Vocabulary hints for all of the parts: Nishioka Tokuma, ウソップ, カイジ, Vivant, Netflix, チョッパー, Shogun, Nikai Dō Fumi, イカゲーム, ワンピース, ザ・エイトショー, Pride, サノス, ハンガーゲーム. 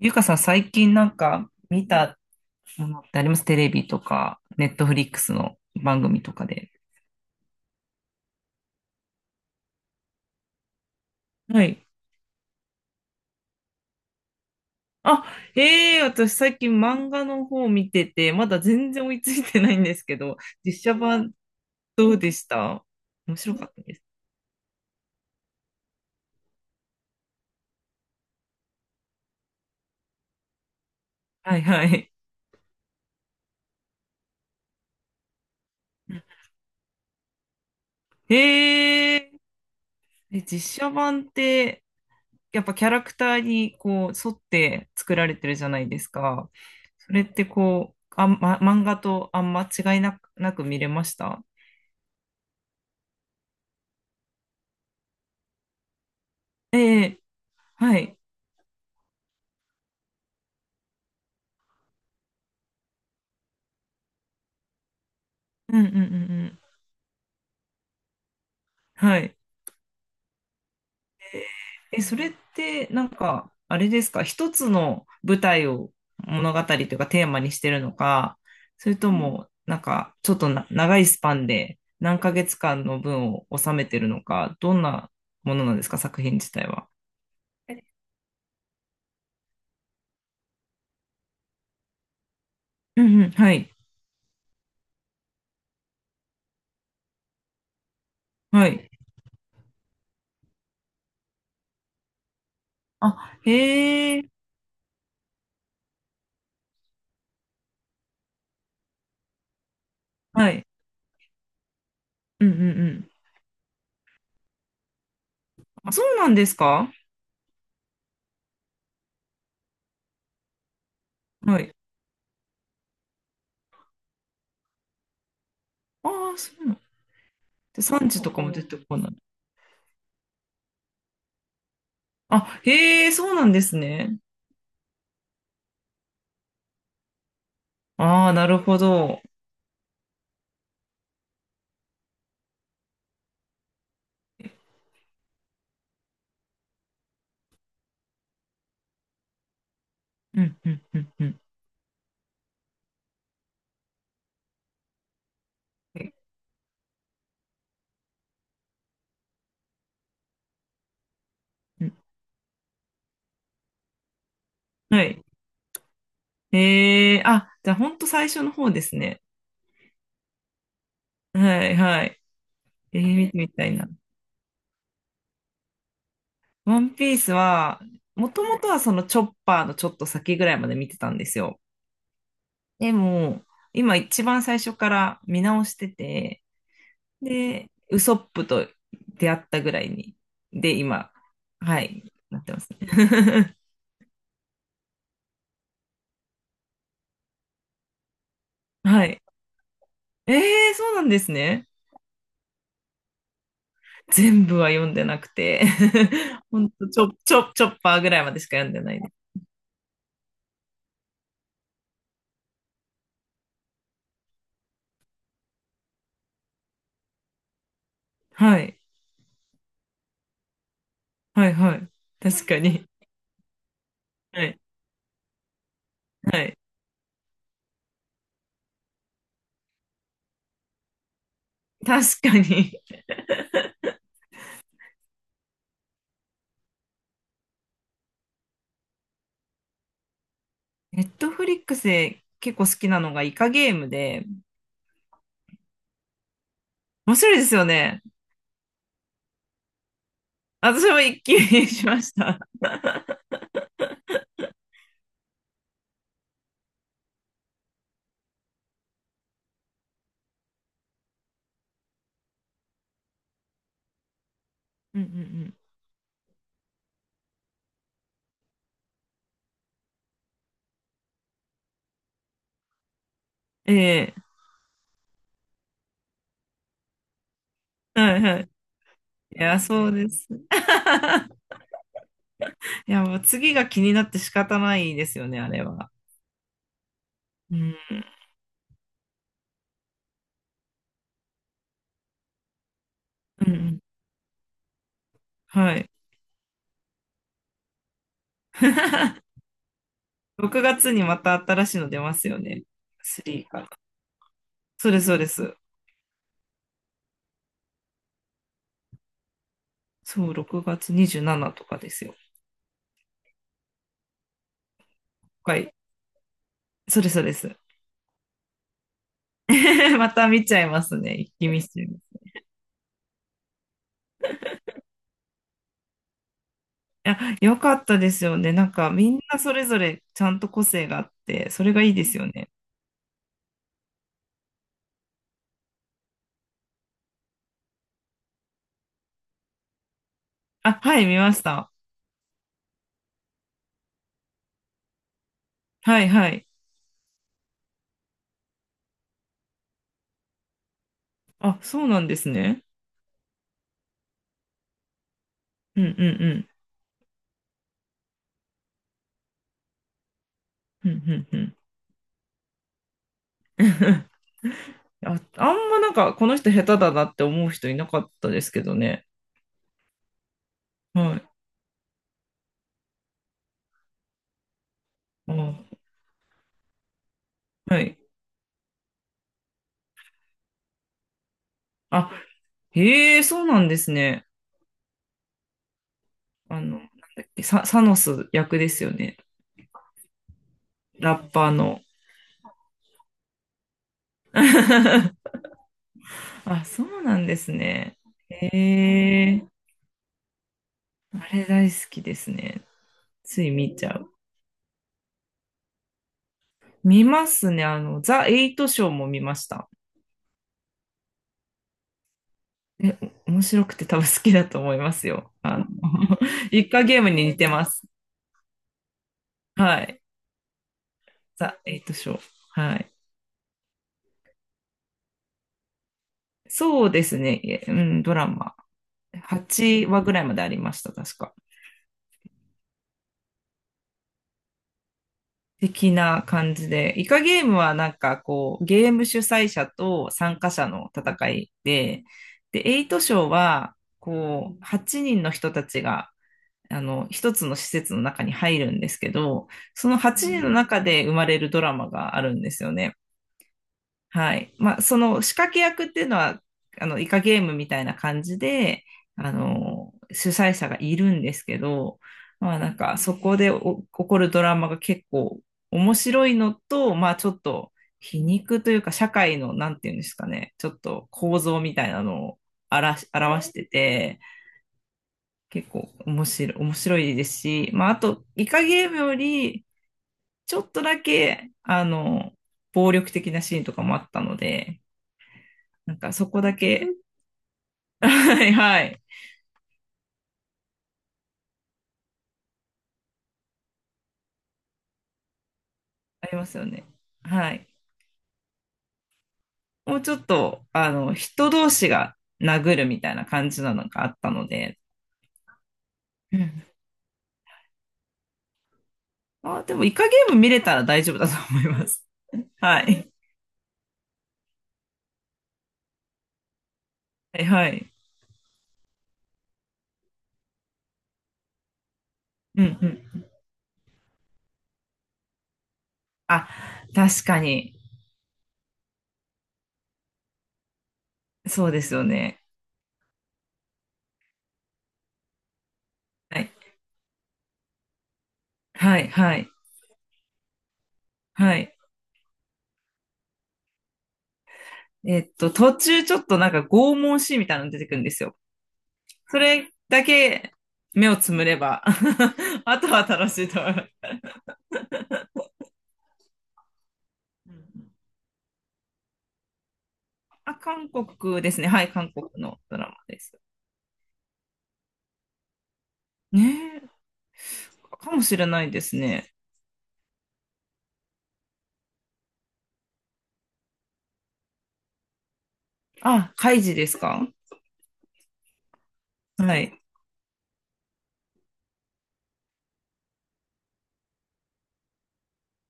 ゆかさん、最近なんか見たものってあります。テレビとか、ネットフリックスの番組とかで。はい。あ、ええ、私最近漫画の方見てて、まだ全然追いついてないんですけど、実写版どうでした？面白かったです。はいはい。ええ、で実写版って、やっぱキャラクターにこう沿って作られてるじゃないですか。それってこう、漫画とあんま違いなく、なく見れました？ええ、はい。うんうんうんうん。はい。え、それって、なんか、あれですか、一つの舞台を物語というかテーマにしてるのか、それとも、なんか、ちょっと長いスパンで何ヶ月間の分を収めてるのか、どんなものなんですか、作品自体は。うんうん、はい。はい。あ、へえ、はい。うんうんうん。あ、そうなんですか？はい。ああ、そうなん。で、産地とかも出てこない？あ、へえ、そうなんですね。ああ、なるほど。うん、うん、うん、うん。えうん。はい。ええ、あ、じゃあ、ほんと最初の方ですね。はい、はい。見てみたいな。ワンピースは、もともとはそのチョッパーのちょっと先ぐらいまで見てたんですよ。でも、今一番最初から見直してて、で、ウソップと出会ったぐらいに、で、今、はい、なってますね。はい。ええ、そうなんですね。全部は読んでなくて。 ほんと、ちょ、ちょ、チョッパーぐらいまでしか読んでないです。はい。はいはい。確かに。はい。はい。確かに。ネットフリックスで結構好きなのがイカゲームで、面白いですよね。私も一気にしました。うんうんうん。ええ、はいはい。いや、そうです。いや、もう次が気になって仕方ないですよね、あれは。うん。うんうん、はい。6月にまた新しいの出ますよね。3から。そうです、そうです。そう、6月27とかですよ。はい。そうです、そうです。また見ちゃいますね。一気見しちゃいます。いや、よかったですよね。なんか、みんなそれぞれちゃんと個性があって、それがいいですよね。あ、はい、見ました。はい、はい。あ、そうなんですね。うん、うん、うん。うん、うん、うん。あ、あんまなんか、この人下手だなって思う人いなかったですけどね。はい。あ、はい。あ、へえ、そうなんですね。あの、なんだっけ、サノス役ですよね。ラッパーの。あ、そうなんですね。へえ、あれ大好きですね。つい見ちゃう。見ますね。あの、ザ・エイトショーも見ました。え、お面白くて多分好きだと思いますよ。あの、一家ゲームに似てます。はい。ザ・エイトショー。はい。そうですね、いえ、うん、ドラマ。8話ぐらいまでありました、確か。的な感じで。イカゲームはなんかこう、ゲーム主催者と参加者の戦いで、で、エイトショーは、こう、8人の人たちが、あの、一つの施設の中に入るんですけど、その8人の中で生まれるドラマがあるんですよね。はい。まあ、その仕掛け役っていうのは、あの、イカゲームみたいな感じで、あの、主催者がいるんですけど、まあ、なんか、そこでお起こるドラマが結構面白いのと、まあ、ちょっと皮肉というか、社会の、なんていうんですかね、ちょっと構造みたいなのを表してて、結構面白いですし、まあ、あと、イカゲームより、ちょっとだけ、あの、暴力的なシーンとかもあったので、なんかそこだけ。はいはい、ありますよね。はい。もうちょっと、あの、人同士が殴るみたいな感じなのがあったので。うん。あ、でもイカゲーム見れたら大丈夫だと思います。はい。はいはい。うんうん。あ、確かに。そうですよね。はい。はいはい。はい。途中ちょっとなんか拷問シーンみたいなの出てくるんですよ。それだけ目をつむれば、 あとは楽しいと思います。うん。あ、韓国ですね。はい、韓国のドラマです。ねえ、かもしれないですね。あ、カイジですか？はい。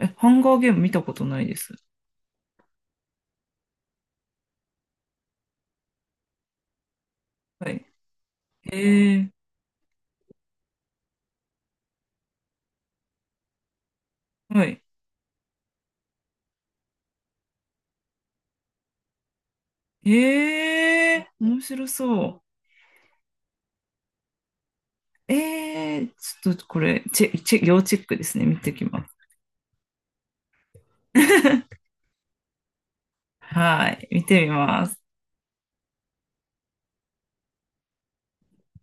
え、ハンガーゲーム見たことないです。はい。へえ、はい。へえ、面白そう。ええ、ちょっとこれ、チェ、チェ、要チェックですね。見てきます。はい、見てみます。